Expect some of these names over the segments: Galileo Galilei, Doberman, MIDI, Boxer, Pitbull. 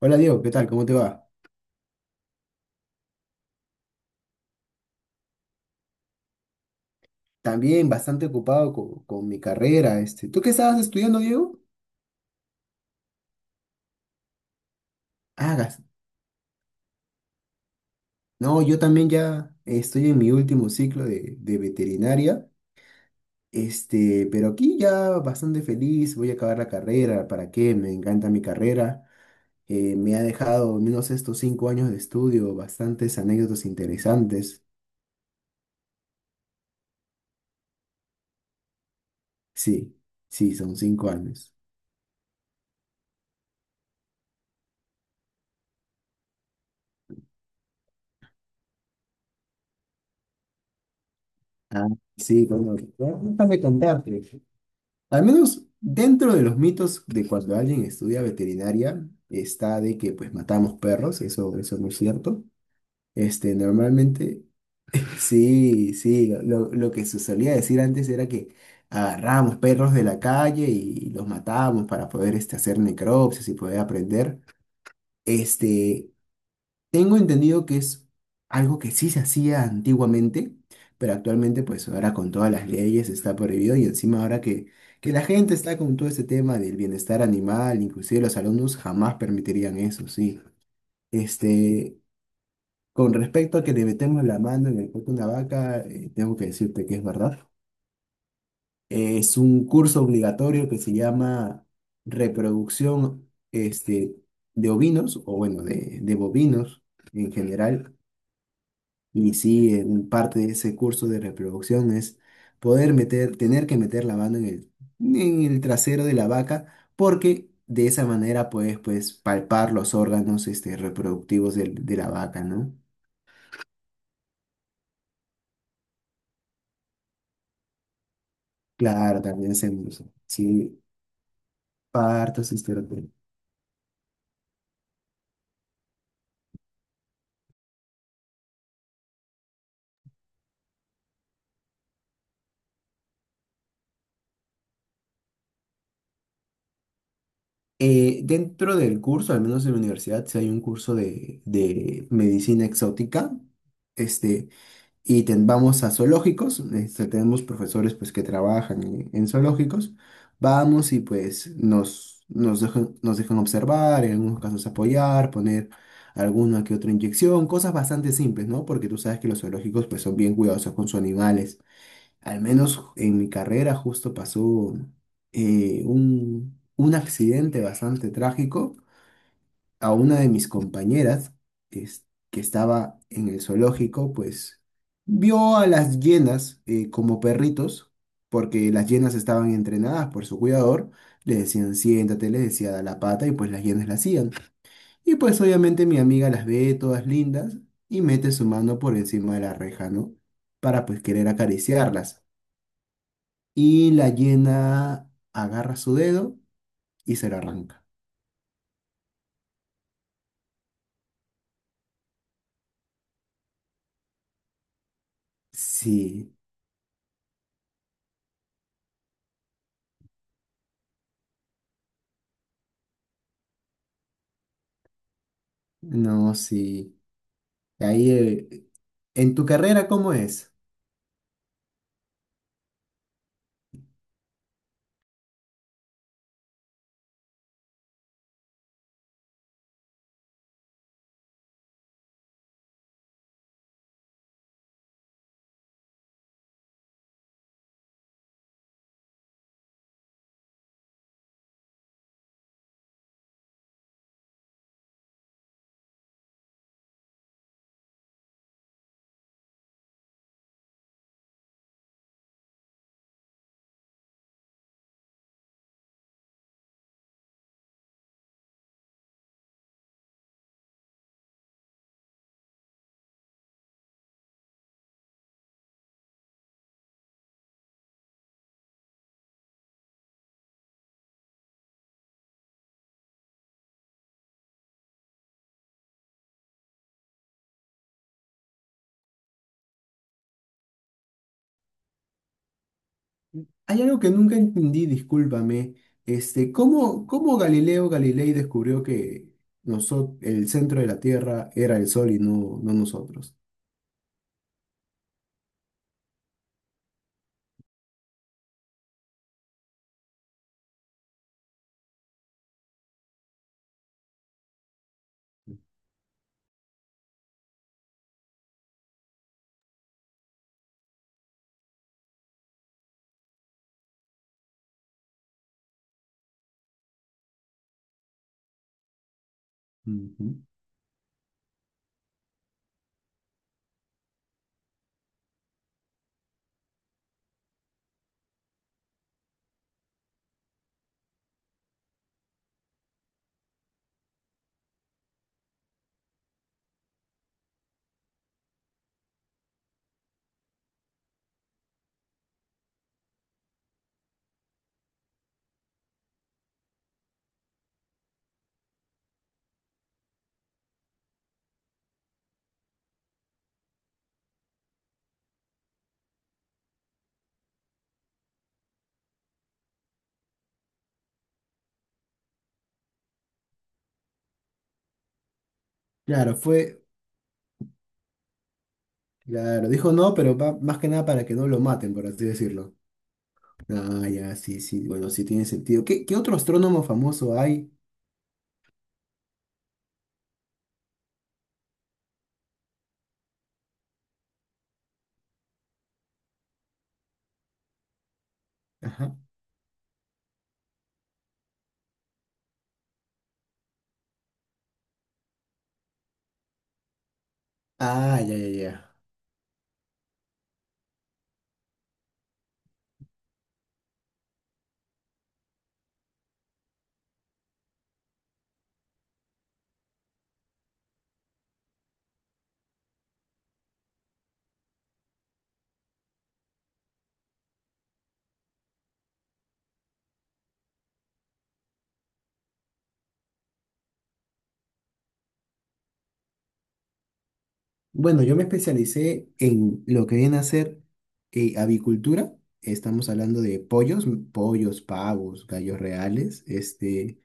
Hola Diego, ¿qué tal? ¿Cómo te va? También bastante ocupado con, mi carrera. ¿Tú qué estabas estudiando, Diego? Hagas. No, yo también ya estoy en mi último ciclo de veterinaria, pero aquí ya bastante feliz, voy a acabar la carrera, ¿para qué? Me encanta mi carrera. Me ha dejado, al menos estos 5 años de estudio, bastantes anécdotas interesantes. Sí, sí, son 5 años. Ah, sí, como que déjame contarte. Al menos dentro de los mitos de cuando alguien estudia veterinaria, está de que pues matamos perros, eso no es cierto. Normalmente, sí, sí, lo que se solía decir antes era que agarrábamos perros de la calle y los matábamos para poder hacer necropsias y poder aprender. Este, Tengo entendido que es algo que sí se hacía antiguamente, pero actualmente pues ahora con todas las leyes está prohibido y encima ahora que la gente está con todo este tema del bienestar animal, inclusive los alumnos jamás permitirían eso, sí. Este, con respecto a que le metemos la mano en el cuerpo de una vaca, tengo que decirte que es verdad. Es un curso obligatorio que se llama reproducción de ovinos, o bueno, de bovinos en general. Y sí, en parte de ese curso de reproducción es tener que meter la mano en el trasero de la vaca, porque de esa manera puedes pues palpar los órganos reproductivos la vaca, ¿no? Claro, también se usa. Sí, partos, histerectomía. Dentro del curso, al menos en la universidad, sí hay un curso de medicina exótica. Este, y vamos a zoológicos, tenemos profesores pues que trabajan en zoológicos, vamos y pues nos dejan observar, en algunos casos apoyar, poner alguna que otra inyección, cosas bastante simples, ¿no? Porque tú sabes que los zoológicos pues son bien cuidadosos con sus animales. Al menos en mi carrera justo pasó un accidente bastante trágico a una de mis compañeras es- que estaba en el zoológico, pues vio a las hienas como perritos, porque las hienas estaban entrenadas por su cuidador, le decían siéntate, le decía da la pata y pues las hienas la hacían. Y pues obviamente mi amiga las ve todas lindas y mete su mano por encima de la reja, ¿no? Para pues querer acariciarlas. Y la hiena agarra su dedo y se lo arranca. Sí, no, sí. Ahí, en tu carrera, ¿cómo es? Hay algo que nunca entendí, discúlpame. ¿Cómo Galileo Galilei descubrió que el centro de la Tierra era el Sol y no nosotros? Ujú. Claro, claro, dijo no, pero más que nada para que no lo maten, por así decirlo. Ah, ya, sí, sí, bueno, sí tiene sentido. ¿Qué otro astrónomo famoso hay? Ajá. Ah, ya, ya, ya. Bueno, yo me especialicé en lo que viene a ser avicultura. Estamos hablando de pollos, pavos, gallos reales,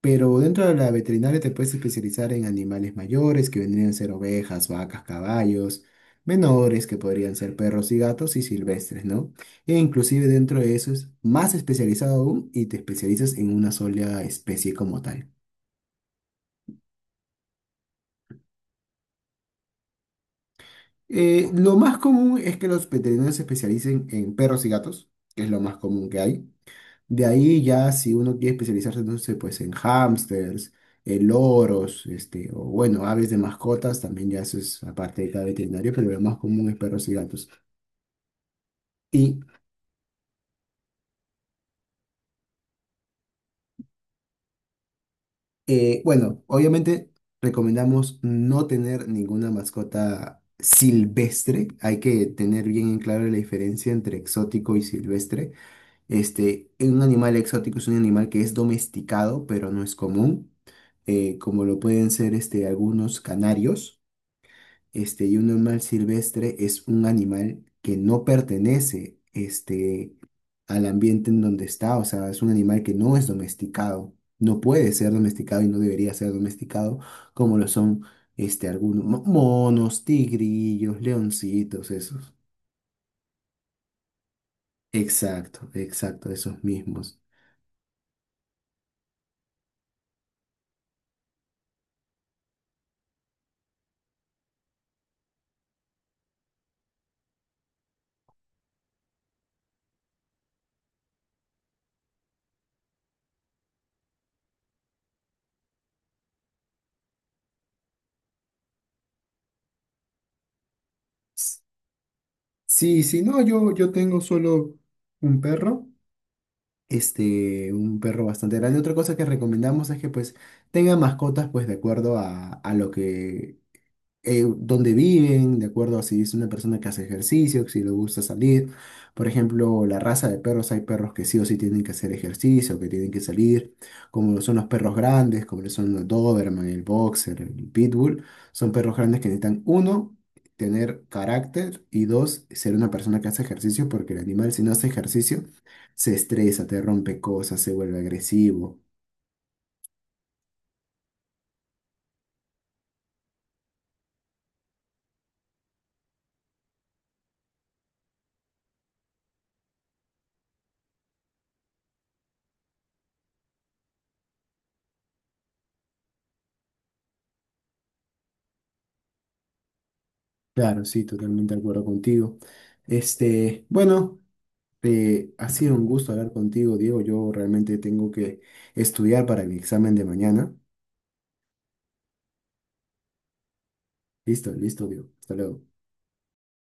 pero dentro de la veterinaria te puedes especializar en animales mayores, que vendrían a ser ovejas, vacas, caballos, menores, que podrían ser perros y gatos y silvestres, ¿no? E inclusive dentro de eso es más especializado aún y te especializas en una sola especie como tal. Lo más común es que los veterinarios se especialicen en perros y gatos, que es lo más común que hay. De ahí ya si uno quiere especializarse, no sé, pues en hámsters, en loros, o bueno, aves de mascotas, también ya eso es aparte de cada veterinario, pero lo más común es perros y gatos. Y bueno, obviamente recomendamos no tener ninguna mascota silvestre. Hay que tener bien en claro la diferencia entre exótico y silvestre. Un animal exótico es un animal que es domesticado, pero no es común, como lo pueden ser algunos canarios. Y un animal silvestre es un animal que no pertenece al ambiente en donde está, o sea, es un animal que no es domesticado, no puede ser domesticado y no debería ser domesticado, como lo son algunos monos, tigrillos, leoncitos, esos. Exacto, exacto, esos mismos. Sí, sí, no, yo tengo solo un perro, un perro bastante grande. Otra cosa que recomendamos es que pues tenga mascotas pues de acuerdo a lo que dónde viven, de acuerdo a si es una persona que hace ejercicio, si le gusta salir. Por ejemplo, la raza de perros, hay perros que sí o sí tienen que hacer ejercicio, que tienen que salir, como lo son los perros grandes, como lo son los Doberman, el Boxer, el Pitbull. Son perros grandes que necesitan, uno, tener carácter y dos, ser una persona que hace ejercicio, porque el animal si no hace ejercicio, se estresa, te rompe cosas, se vuelve agresivo. Claro, sí, totalmente de acuerdo contigo. Bueno. Ha sido un gusto hablar contigo, Diego. Yo realmente tengo que estudiar para mi examen de mañana. Listo, listo, Diego. Hasta luego.